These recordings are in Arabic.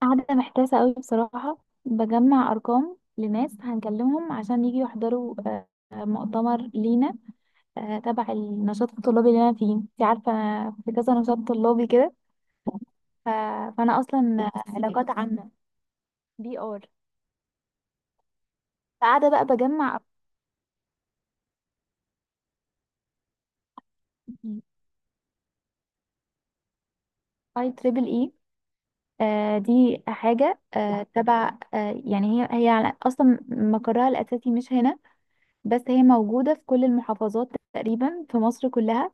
قاعدة محتاسة قوي بصراحة. بجمع أرقام لناس هنكلمهم عشان يجي يحضروا، مؤتمر لينا. تبع النشاط الطلابي اللي أنا فيه، انت عارفة أنا في كذا نشاط طلابي كده. ف- فأنا أصلا علاقات عامة، بي آر. قاعدة بقى بجمع اي تريبل اي. دي حاجة تبع، يعني هي أصلا مقرها الأساسي مش هنا، بس هي موجودة في كل المحافظات تقريبا في مصر كلها.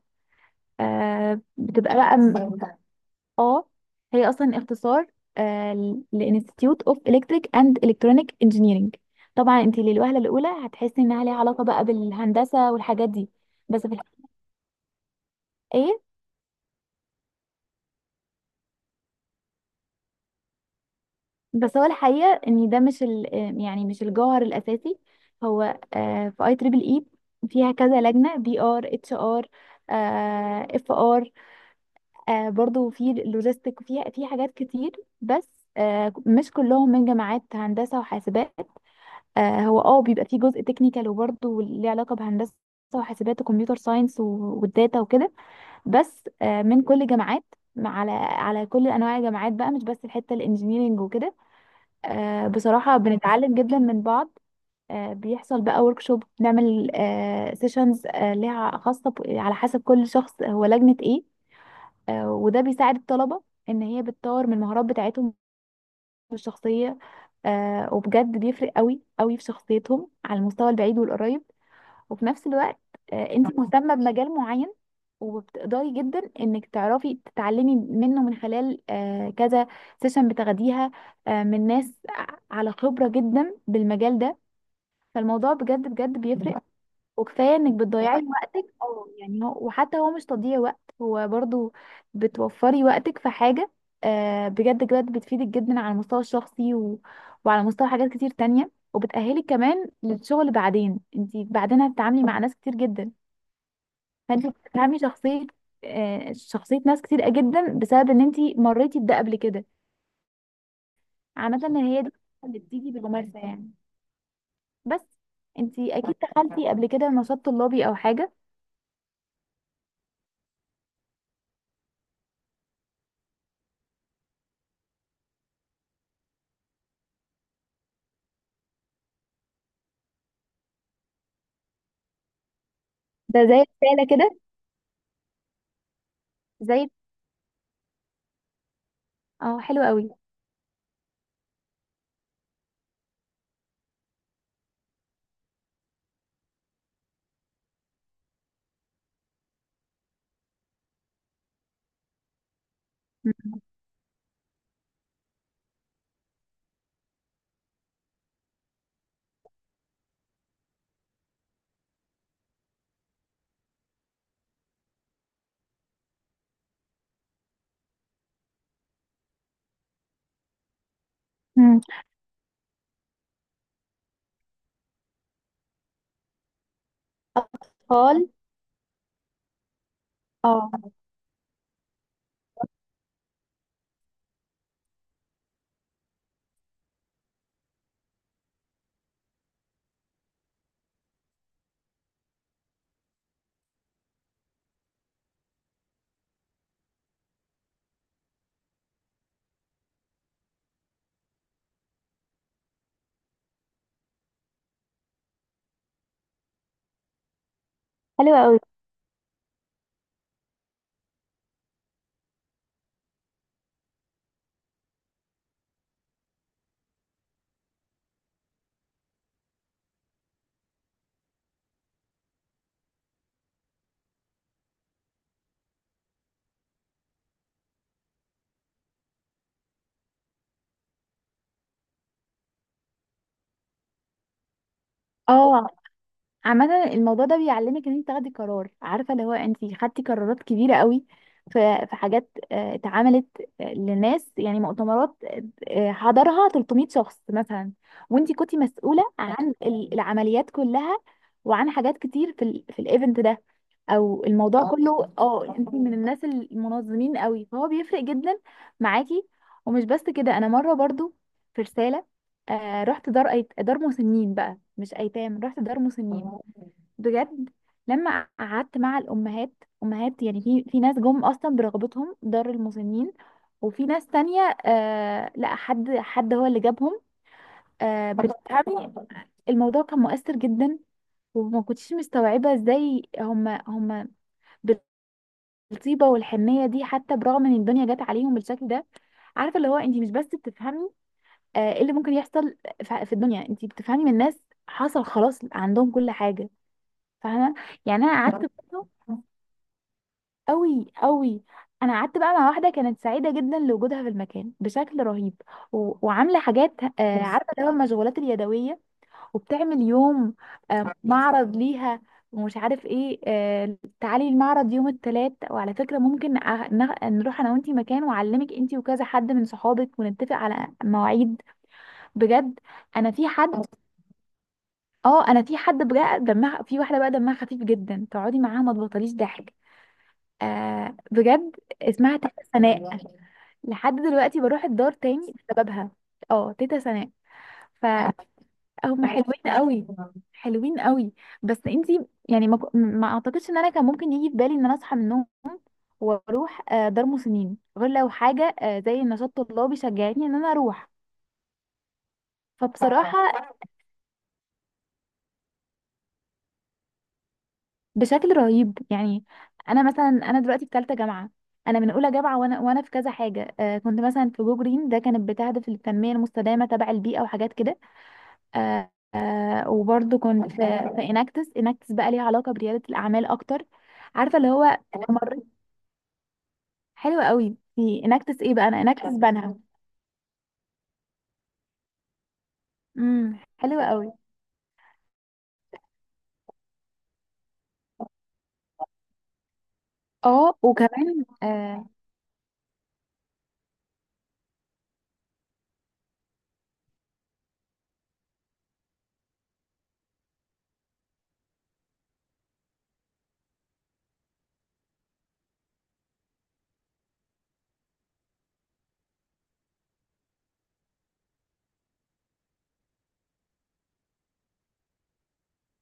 بتبقى بقى، اه، هي اصلا اختصار لانستيتيوت اوف الكتريك اند الكترونيك انجينيرنج. طبعا انت للوهله الاولى هتحسي انها ليها علاقه بقى بالهندسه والحاجات دي، بس في الحقيقه. بس هو الحقيقه ان ده مش يعني مش الجوهر الاساسي. هو في اي تريبل اي فيها كذا لجنه، بي ار، اتش ار، اف ار، برضو في لوجيستيك، وفيها في حاجات كتير. بس مش كلهم من جامعات هندسه وحاسبات. هو اه بيبقى فيه جزء تكنيكال وبرضه ليه علاقة بهندسة وحاسبات وكمبيوتر ساينس والداتا وكده. بس من كل جامعات، على كل انواع الجامعات بقى، مش بس الحتة الانجينيرينج وكده. بصراحة بنتعلم جدا من بعض. بيحصل بقى ورك شوب، بنعمل سيشنز ليها خاصة على حسب كل شخص هو لجنة ايه. وده بيساعد الطلبة ان هي بتطور من المهارات بتاعتهم الشخصية. وبجد بيفرق قوي قوي في شخصيتهم على المستوى البعيد والقريب. وفي نفس الوقت انت مهتمة بمجال معين، وبتقدري جدا انك تعرفي تتعلمي منه من خلال كذا سيشن بتاخديها من ناس على خبرة جدا بالمجال ده. فالموضوع بجد بجد بيفرق. وكفايه انك بتضيعي وقت، أو يعني هو، وحتى هو مش تضييع وقت، هو برضو بتوفري وقتك في حاجة بجد بجد بتفيدك جدا على المستوى الشخصي وعلى مستوى حاجات كتير تانية، وبتأهلك كمان للشغل بعدين، انت بعدين هتتعاملي مع ناس كتير جدا. فانت بتفهمي شخصيه، شخصيه ناس كتير جدا بسبب ان انت مريتي بده قبل كده. عامه إن هي دي اللي بتيجي بالممارسه يعني. بس انت اكيد دخلتي قبل كده نشاط طلابي او حاجه. ده زي رساله كده. زي، اه، حلو قوي. م- م. اطفال. اه، حلو قوي. اه، عامة الموضوع ده بيعلمك ان انت تاخدي قرار، عارفة اللي هو انت خدتي قرارات كبيرة قوي. في حاجات اتعملت، لناس، يعني مؤتمرات حضرها 300 شخص مثلا. وانت كنت مسؤولة عن العمليات كلها، وعن حاجات كتير في في الايفنت ده، او الموضوع كله. اه، انت من الناس المنظمين قوي، فهو بيفرق جدا معاكي. ومش بس كده، انا مرة برضو في رسالة رحت دار مسنين بقى، مش ايتام، رحت دار مسنين. بجد، لما قعدت مع الامهات، امهات يعني، في ناس جم اصلا برغبتهم دار المسنين، وفي ناس تانية آه، لا، حد هو اللي جابهم. آه، بتفهمي، الموضوع كان مؤثر جدا. وما كنتش مستوعبة ازاي هم بالطيبة والحنية دي، حتى برغم ان الدنيا جت عليهم بالشكل ده. عارفة اللي هو، انت مش بس بتفهمي ايه اللي ممكن يحصل في الدنيا، انت بتفهمي من الناس حصل خلاص عندهم كل حاجة. فاهمه، يعني انا، لا. قعدت برضه قوي قوي. انا قعدت بقى مع واحده كانت سعيده جدا لوجودها في المكان بشكل رهيب وعامله حاجات، بس عارفه اللي هو المشغولات اليدويه، وبتعمل يوم معرض ليها، ومش عارف ايه، تعالي المعرض يوم الثلاث، وعلى فكره ممكن نروح انا وانتي مكان، واعلمك انتي وكذا حد من صحابك ونتفق على مواعيد. بجد، انا في حد، اه، انا في حد بجد دمها، في واحده بقى دمها خفيف جدا، تقعدي معاها ما تبطليش ضحك. آه، بجد، اسمها تيتا سناء. لحد دلوقتي بروح الدار تاني بسببها. اه، تيتا سناء، فهم. حلوين قوي، حلوين قوي. بس انتي يعني ما اعتقدش ان انا كان ممكن يجي في بالي ان انا اصحى من النوم واروح دار مسنين، غير لو حاجه زي نشاط طلابي شجعتني ان انا اروح. فبصراحه، بشكل رهيب يعني. انا مثلا، انا دلوقتي في ثالثه جامعه. انا من اولى جامعه، وانا في كذا حاجه، آه، كنت مثلا في جو جرين، ده كانت بتهدف للتنميه المستدامه تبع البيئه وحاجات كده. آه وبرضه كنت في اناكتس بقى ليها علاقه برياده الاعمال اكتر. عارفه اللي هو، حلو قوي في اناكتس. ايه بقى، انا اناكتس بنها. حلو قوي. اه، وكمان، اه،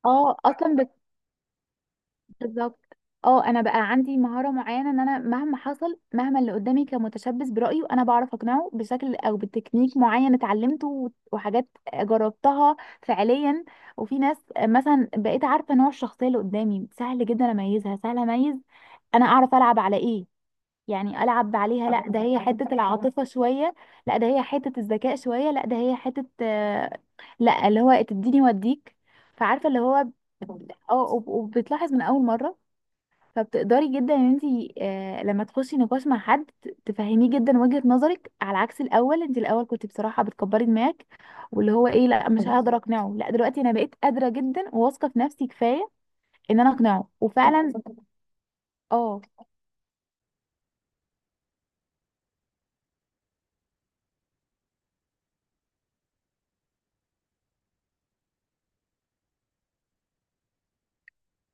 اصلا بالظبط. اه، انا بقى عندي مهاره معينه، ان انا مهما حصل، مهما اللي قدامي كان متشبث برايي، انا بعرف اقنعه بشكل او بتكنيك معين اتعلمته وحاجات جربتها فعليا. وفي ناس مثلا بقيت عارفه نوع الشخصيه اللي قدامي، سهل جدا اميزها، سهل اميز انا اعرف العب على ايه. يعني العب عليها، لا، ده هي حته العاطفه شويه، لا ده هي حته الذكاء شويه، لا ده هي حته لا، اللي هو تديني وديك. فعارفه اللي هو، اه، وبتلاحظ من اول مره. فبتقدري جدا ان انت لما تخشي نقاش مع حد تفهميه جدا وجهة نظرك، على عكس الاول، انت الاول كنت بصراحة بتكبري دماغك، واللي هو ايه، لا مش هقدر اقنعه، لا دلوقتي انا بقيت قادرة جدا وواثقة في نفسي كفاية ان انا اقنعه، وفعلا. اه،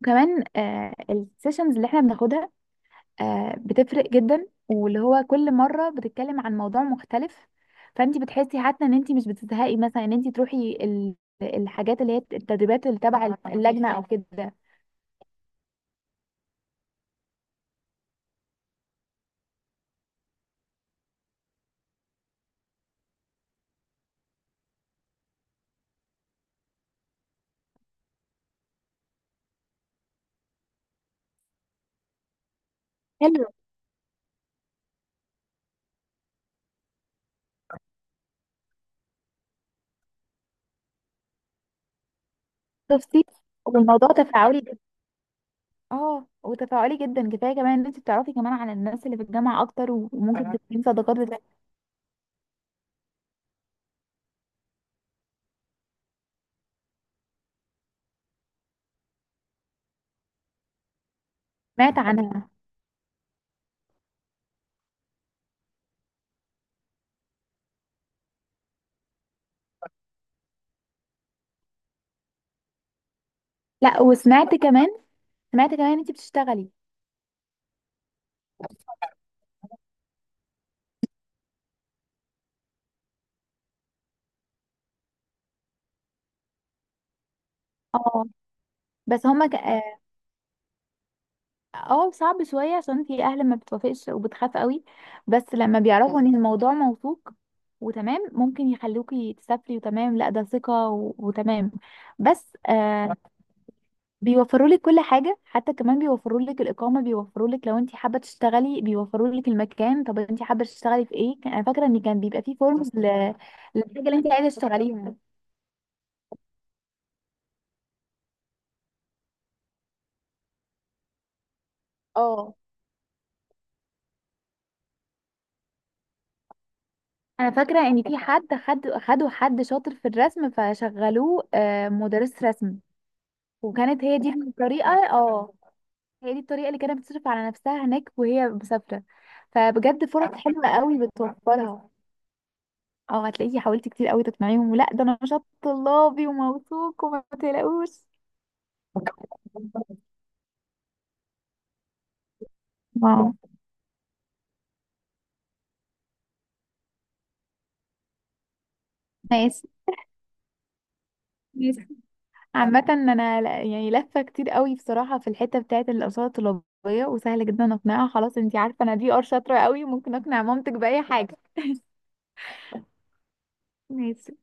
كمان آه السيشنز اللي احنا بناخدها آه بتفرق جدا، واللي هو كل مرة بتتكلم عن موضوع مختلف. فانت بتحسي حتى ان انت مش بتزهقي مثلا ان انت تروحي الحاجات اللي هي التدريبات اللي تبع اللجنة او كده. شفتي، والموضوع تفاعلي جدا. اه، وتفاعلي جدا، كفايه كمان ان انت بتعرفي كمان عن الناس اللي في الجامعه اكتر، وممكن تكوني صداقات بتاع. سمعت عنها. لا، وسمعت كمان، سمعت كمان ان انت بتشتغلي. اه، بس هما اه، صعب شويه، عشان انت، اهل ما بتوافقش وبتخاف قوي. بس لما بيعرفوا ان الموضوع موثوق وتمام، ممكن يخلوكي تسافري، وتمام، لا ده ثقه وتمام. بس آه، بيوفروا لك كل حاجة، حتى كمان بيوفروا لك الإقامة، بيوفروا لك لو انت حابة تشتغلي، بيوفروا لك المكان. طب انت حابة تشتغلي في ايه؟ انا فاكرة ان كان بيبقى فيه فورمز للحاجة اللي انت عايزة تشتغليها. انا فاكرة ان في حد خدوا حد شاطر في الرسم فشغلوه مدرس رسم. وكانت هي دي الطريقة، اه، هي دي الطريقة اللي كانت بتصرف على نفسها هناك وهي مسافرة. فبجد فرص حلوة قوي بتوفرها. اه، هتلاقيكي حاولتي كتير قوي تقنعيهم، ولا ده نشاط طلابي وموثوق وما تقلقوش. واو. ماشي، ماشي. عامة انا يعني لفة كتير قوي بصراحة في الحتة بتاعة الأقساط الطلابية، وسهل جدا اقنعها. خلاص انتي عارفة انا دي ار شاطرة قوي، ممكن اقنع مامتك بأي حاجة. ماشي.